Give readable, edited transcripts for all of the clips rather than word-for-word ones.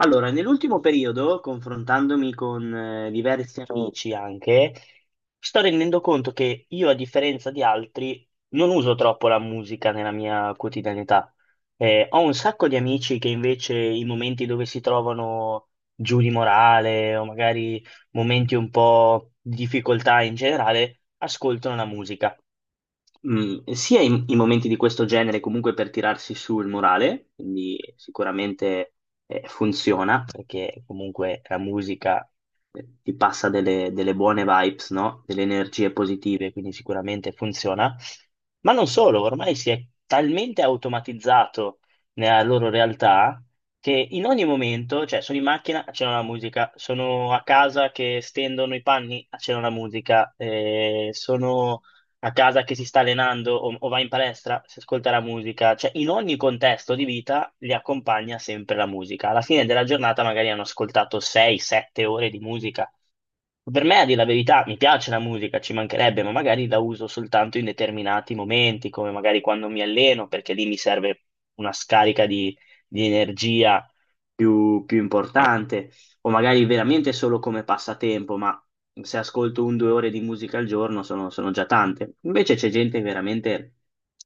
Allora, nell'ultimo periodo, confrontandomi con diversi amici anche, sto rendendo conto che io, a differenza di altri, non uso troppo la musica nella mia quotidianità. Ho un sacco di amici che invece i momenti dove si trovano giù di morale o magari momenti un po' di difficoltà in generale, ascoltano la musica sia i momenti di questo genere comunque per tirarsi su il morale, quindi sicuramente funziona perché comunque la musica ti passa delle buone vibes, no? Delle energie positive, quindi sicuramente funziona. Ma non solo, ormai si è talmente automatizzato nella loro realtà che in ogni momento, cioè sono in macchina, accendono la musica, sono a casa che stendono i panni, accendono la musica, sono a casa che si sta allenando o va in palestra, si ascolta la musica, cioè in ogni contesto di vita li accompagna sempre la musica. Alla fine della giornata magari hanno ascoltato 6-7 ore di musica. Per me, a dire la verità, mi piace la musica, ci mancherebbe, ma magari la uso soltanto in determinati momenti, come magari quando mi alleno, perché lì mi serve una scarica di, energia più importante o magari veramente solo come passatempo, ma se ascolto un due ore di musica al giorno sono, già tante. Invece c'è gente che veramente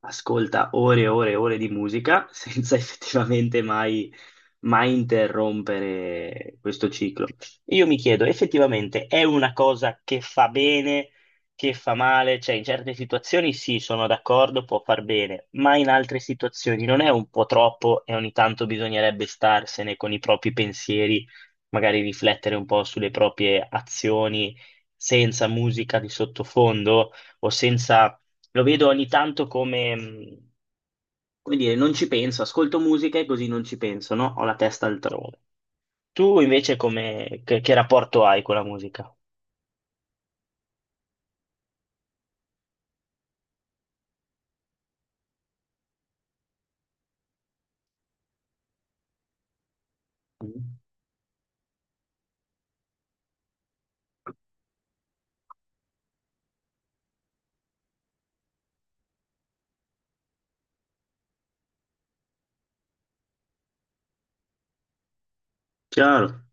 ascolta ore e ore e ore di musica senza effettivamente mai interrompere questo ciclo. Io mi chiedo, effettivamente è una cosa che fa bene, che fa male? Cioè, in certe situazioni sì, sono d'accordo, può far bene, ma in altre situazioni non è un po' troppo e ogni tanto bisognerebbe starsene con i propri pensieri, magari riflettere un po' sulle proprie azioni senza musica di sottofondo o senza... Lo vedo ogni tanto come, come dire, non ci penso, ascolto musica e così non ci penso, no? Ho la testa altrove. Tu invece come... che rapporto hai con la musica? Mm. Chiaro.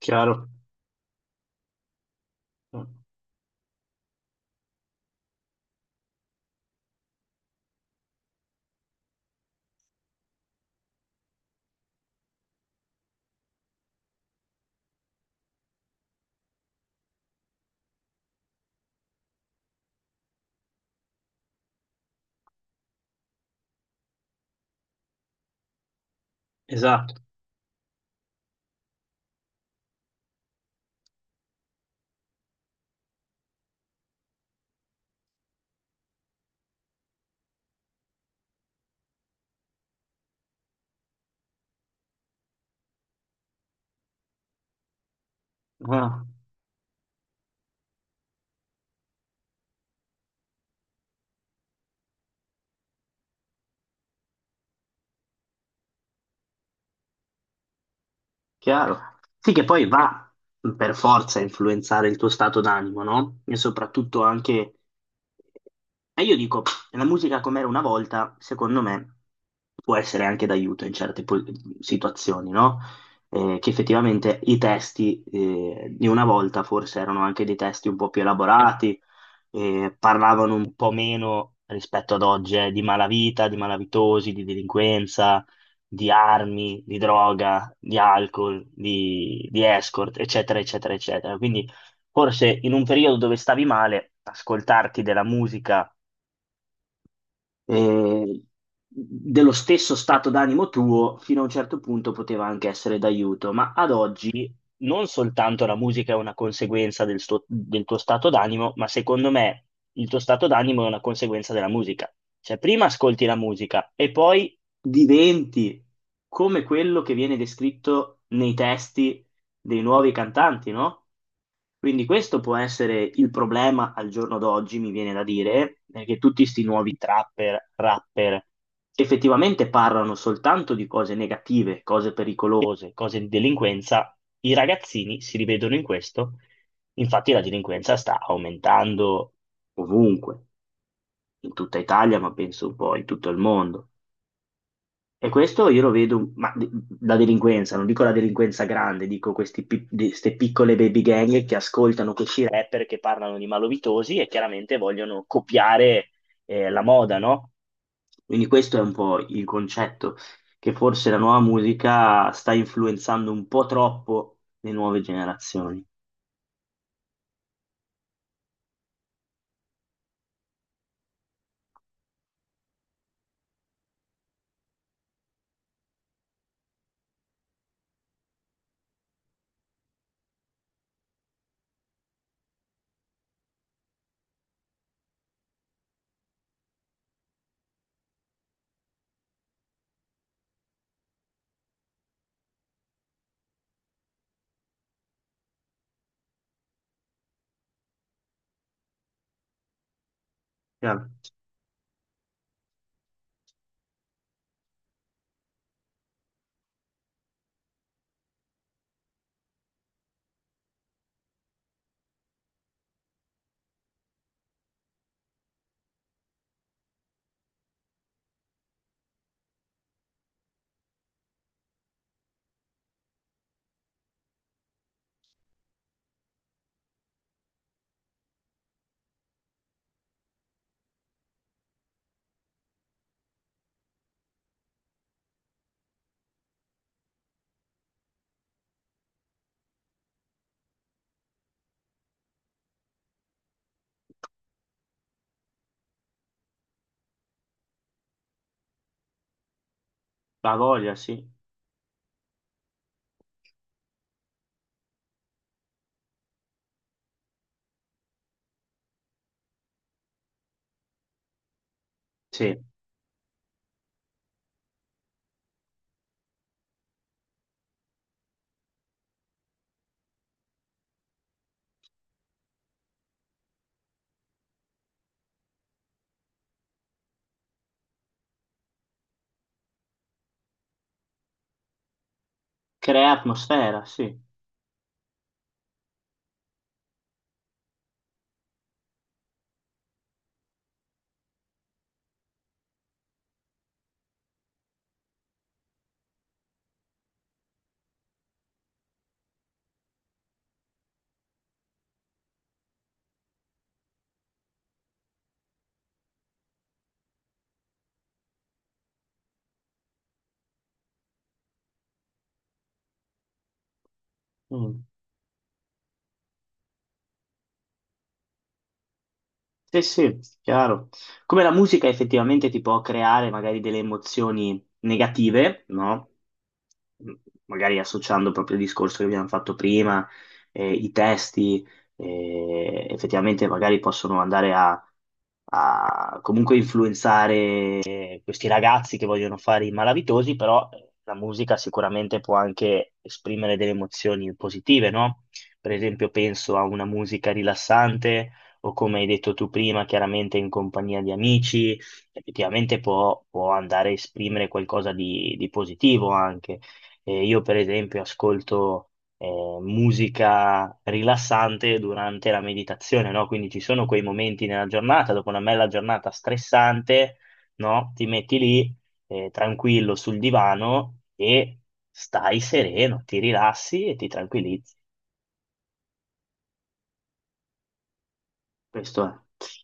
Chiaro. Esatto. Ah, chiaro. Sì, che poi va per forza a influenzare il tuo stato d'animo, no? E soprattutto anche... E io dico, la musica com'era una volta, secondo me, può essere anche d'aiuto in certe situazioni, no? Che effettivamente i testi di una volta forse erano anche dei testi un po' più elaborati, parlavano un po' meno rispetto ad oggi, di malavita, di malavitosi, di delinquenza, di armi, di droga, di alcol, di escort, eccetera, eccetera, eccetera. Quindi forse in un periodo dove stavi male, ascoltarti della musica eh, dello stesso stato d'animo tuo, fino a un certo punto poteva anche essere d'aiuto, ma ad oggi non soltanto la musica è una conseguenza del tuo stato d'animo, ma secondo me il tuo stato d'animo è una conseguenza della musica. Cioè, prima ascolti la musica e poi diventi come quello che viene descritto nei testi dei nuovi cantanti, no? Quindi questo può essere il problema al giorno d'oggi, mi viene da dire, è che tutti questi nuovi trapper, rapper, effettivamente parlano soltanto di cose negative, cose pericolose, cose di delinquenza. I ragazzini si rivedono in questo, infatti la delinquenza sta aumentando ovunque, in tutta Italia, ma penso un po' in tutto il mondo. E questo io lo vedo, ma la delinquenza, non dico la delinquenza grande, dico queste piccole baby gang che ascoltano questi rapper che parlano di malovitosi e chiaramente vogliono copiare la moda, no? Quindi questo è un po' il concetto, che forse la nuova musica sta influenzando un po' troppo le nuove generazioni. Chiaro. La voglia, sì. Sì. Crea atmosfera, sì. Mm. Sì, sì, chiaro. Come la musica effettivamente ti può creare magari delle emozioni negative, no? M- Magari associando proprio il discorso che abbiamo fatto prima, i testi, effettivamente magari possono andare a, comunque influenzare questi ragazzi che vogliono fare i malavitosi, però la musica sicuramente può anche esprimere delle emozioni positive, no? Per esempio, penso a una musica rilassante o come hai detto tu prima, chiaramente in compagnia di amici, effettivamente può, andare a esprimere qualcosa di positivo anche. Io per esempio ascolto musica rilassante durante la meditazione, no? Quindi ci sono quei momenti nella giornata, dopo una bella giornata stressante, no? Ti metti lì tranquillo sul divano e stai sereno, ti rilassi e ti tranquillizzi. Questo è.